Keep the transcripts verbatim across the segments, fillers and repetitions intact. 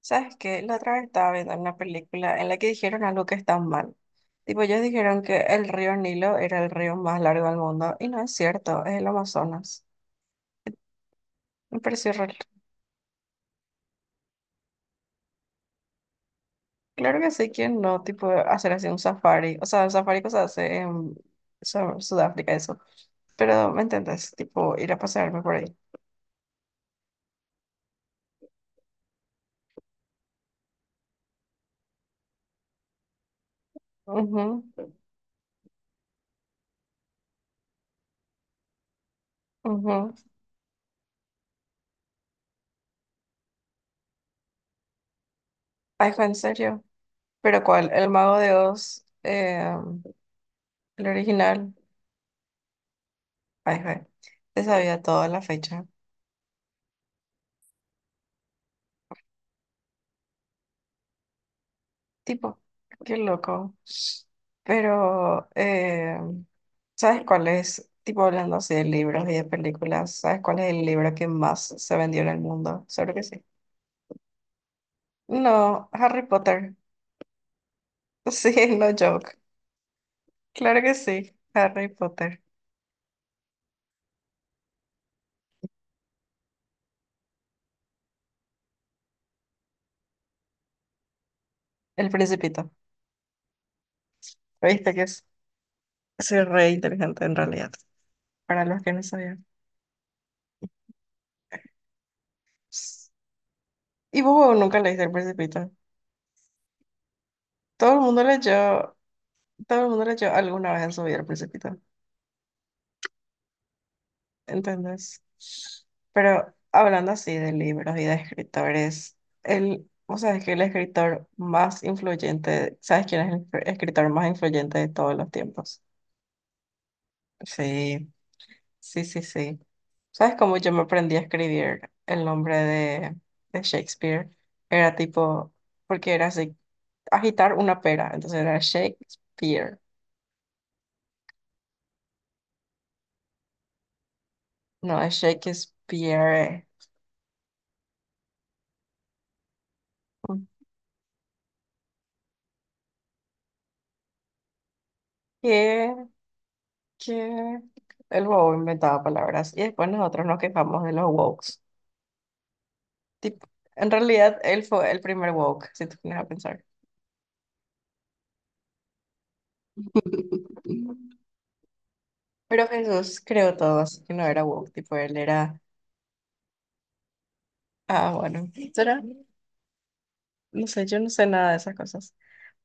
¿Sabes qué? La otra vez estaba viendo una película en la que dijeron algo que está mal. Tipo, ellos dijeron que el río Nilo era el río más largo del mundo y no es cierto, es el Amazonas. Me pareció re- Claro que sí, ¿quién no? Tipo, hacer así un safari. O sea, el safari que se hace en Su- Sudáfrica, eso. Pero, ¿me entendés? Tipo, ir a pasearme por ahí. Ujú, ujú. Ay, fue en serio. ¿Pero cuál? El Mago de Oz, eh, el original. Ay, fue. Te sabía toda la fecha. Tipo, qué loco. Pero, eh, ¿sabes cuál es? Tipo, hablando así de libros y de películas, ¿sabes cuál es el libro que más se vendió en el mundo? Seguro que sí. No, Harry Potter. Sí, no joke. Claro que sí, Harry Potter. El Principito. ¿Viste que es? Soy re inteligente en realidad, para los que no sabían. Y vos nunca leíste El Principito. Todo el mundo leyó, todo el mundo leyó alguna vez en su vida El Principito. ¿Entendés? Pero hablando así de libros y de escritores, el, o sea, es que el escritor más influyente, ¿sabes quién es el fr- escritor más influyente de todos los tiempos? Sí, sí, sí, sí. ¿Sabes cómo yo me aprendí a escribir el nombre de, de Shakespeare? Era tipo, porque era así, agitar una pera, entonces era Shakespeare, no es Shakespeare. ¿Qué? Que el bobo inventaba palabras y después nosotros nos quejamos de los wokes. Tipo, en realidad él fue el primer woke, si tú pones a pensar. Pero Jesús creó todo, así que no era woke, tipo él era, ah, bueno, ¿será? No sé, yo no sé nada de esas cosas.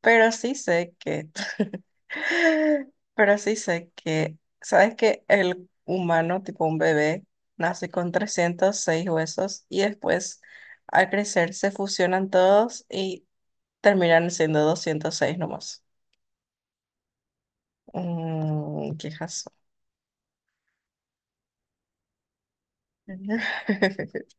Pero sí sé que, pero sí sé que, ¿sabes que el humano, tipo un bebé, nace con trescientos seis huesos y después al crecer se fusionan todos y terminan siendo doscientos seis nomás? Mmm, qué jazo.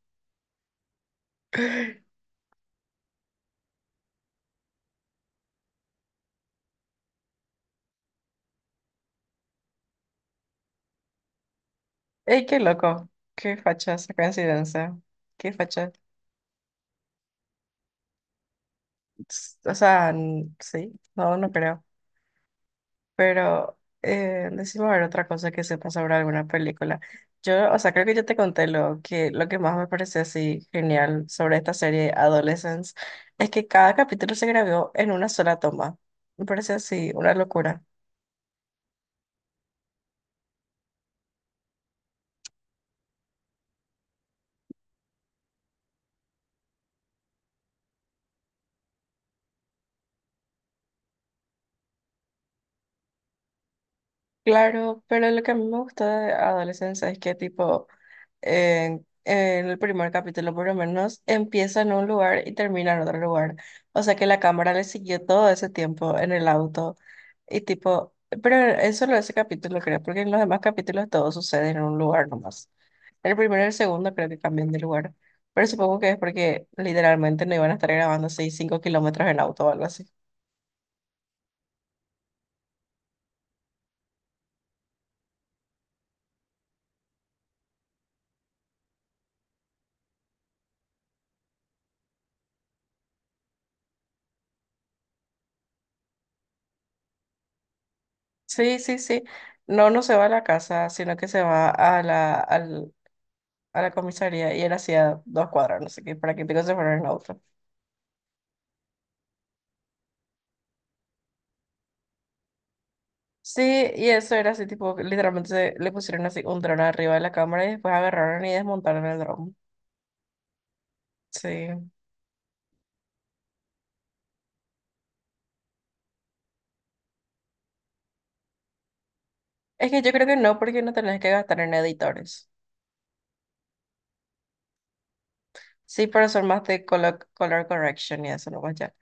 Ey, qué loco, qué facha esa coincidencia, qué facha. S- O sea, n- sí, no, no creo. Pero eh, decime a ver otra cosa que sepa sobre alguna película. Yo, o sea, creo que yo te conté lo que, lo que más me pareció así genial sobre esta serie Adolescence es que cada capítulo se grabó en una sola toma. Me parece así una locura. Claro, pero lo que a mí me gusta de Adolescence es que tipo en, en el primer capítulo por lo menos, empieza en un lugar y termina en otro lugar. O sea que la cámara le siguió todo ese tiempo en el auto y tipo, pero en solo ese capítulo creo, porque en los demás capítulos todo sucede en un lugar nomás. El primero y el segundo creo que cambian de lugar, pero supongo que es porque literalmente no iban a estar grabando así cinco kilómetros en auto o algo así. Sí, sí, sí. No, no se va a la casa, sino que se va a la, al a la comisaría y era hacía dos cuadras, no sé qué, para que te se fueran en auto. Sí, y eso era así, tipo, literalmente se- le pusieron así un dron arriba de la cámara y después agarraron y desmontaron el dron. Sí. Es que yo creo que no, porque no tenés que gastar en editores. Sí, pero son más de color, color correction y eso, no más ya.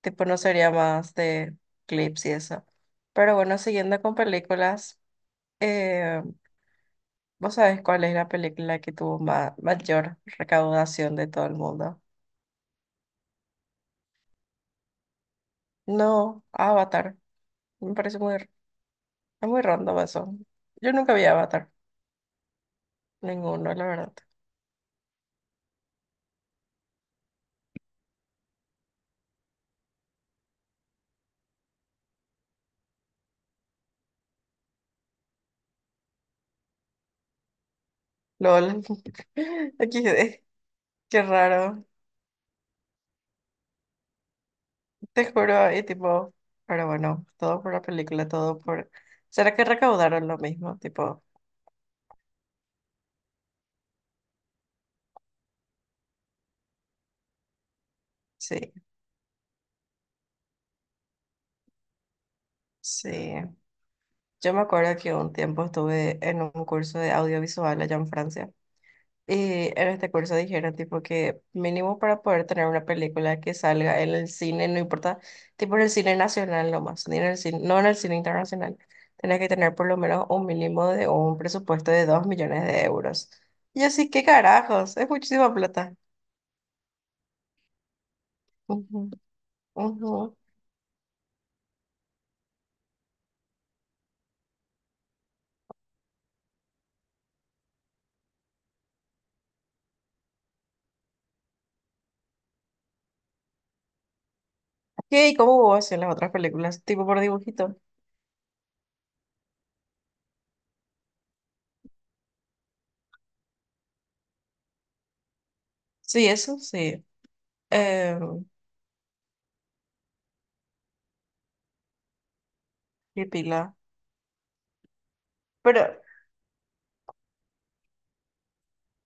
Tipo, no sería más de clips y eso. Pero bueno, siguiendo con películas, eh, ¿vos sabés cuál es la película que tuvo ma- mayor recaudación de todo el mundo? No, Avatar. Me parece muy, r- es muy random eso. Yo nunca vi Avatar, ninguno, la verdad. LOL. equis de. Qué raro. Te juro, y tipo, pero bueno, todo por la película, todo por. ¿Será que recaudaron lo mismo? Tipo, sí, sí. Yo me acuerdo que un tiempo estuve en un curso de audiovisual allá en Francia. Y en este curso dijeron tipo que mínimo para poder tener una película que salga en el cine, no importa, tipo en el cine nacional nomás, ni en el cine, no en el cine internacional, tenés que tener por lo menos un mínimo de un presupuesto de dos millones de euros. Y yo así, ¿qué carajos? Es muchísima plata. Ujú, ujú. ¿Qué? ¿Y cómo hubo así las otras películas? ¿Tipo por dibujito? Sí, eso sí. Eh, qué pila. Pero,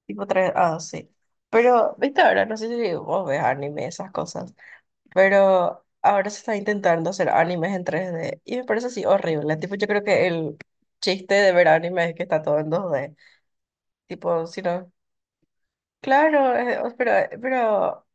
tipo tres, ah, sí. Pero, viste ahora, no sé si vos ves anime, esas cosas. Pero ahora se está intentando hacer animes en tres d y me parece así horrible. Tipo, yo creo que el chiste de ver anime es que está todo en dos d. Tipo, si no, claro, eh, o- pero, eh, pero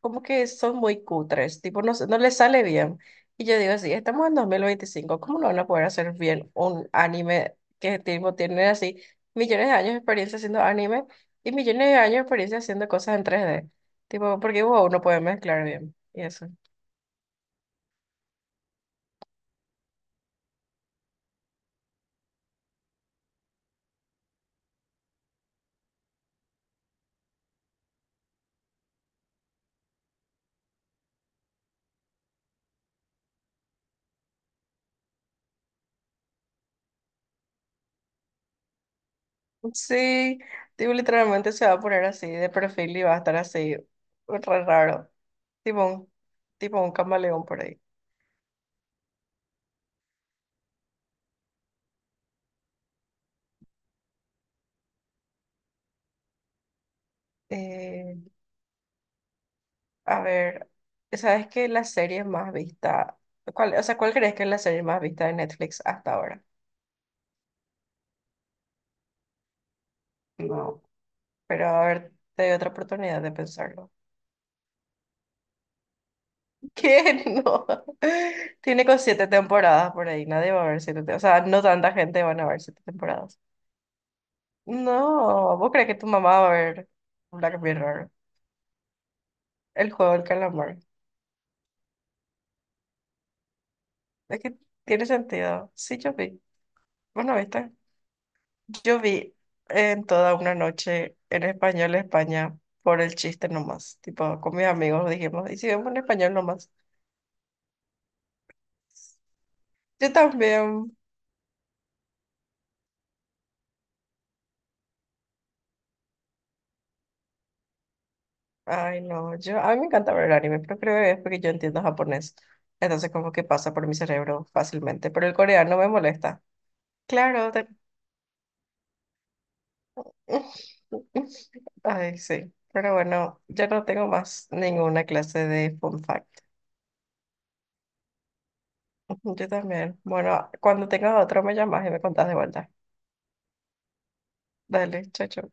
como que son muy cutres. Tipo, no, se- no les sale bien. Y yo digo así, estamos en dos mil veinticinco, ¿cómo no van a poder hacer bien un anime que tipo, tiene así millones de años de experiencia haciendo anime y millones de años de experiencia haciendo cosas en tres d. Tipo, porque wow, no puede mezclar bien. Y eso. Sí, tipo, literalmente se va a poner así de perfil y va a estar así, re raro, tipo un, tipo un camaleón por ahí. Eh, a ver, ¿sabes qué la serie más vista? ¿Cuál, o sea, cuál crees que es la serie más vista de Netflix hasta ahora? No, pero a ver, te doy otra oportunidad de pensarlo. ¿Qué? No. Tiene con siete temporadas por ahí, nadie va a ver siete, te- o sea, no tanta gente van a ver siete temporadas. No, ¿vos crees que tu mamá va a ver Black Mirror? El juego del calamar. Es que tiene sentido. Sí, yo vi. Bueno, viste, yo vi en toda una noche en español España por el chiste nomás. Tipo, con mis amigos dijimos, y si vemos en español nomás. Yo también. Ay, no, yo, a mí me encanta ver el anime, pero creo que es porque yo entiendo japonés. Entonces, como que pasa por mi cerebro fácilmente, pero el coreano me molesta. Claro, te- Ay, sí. Pero bueno, ya no tengo más ninguna clase de fun fact. Yo también. Bueno, cuando tengas otro me llamas y me contás de vuelta. Dale, chao, chao.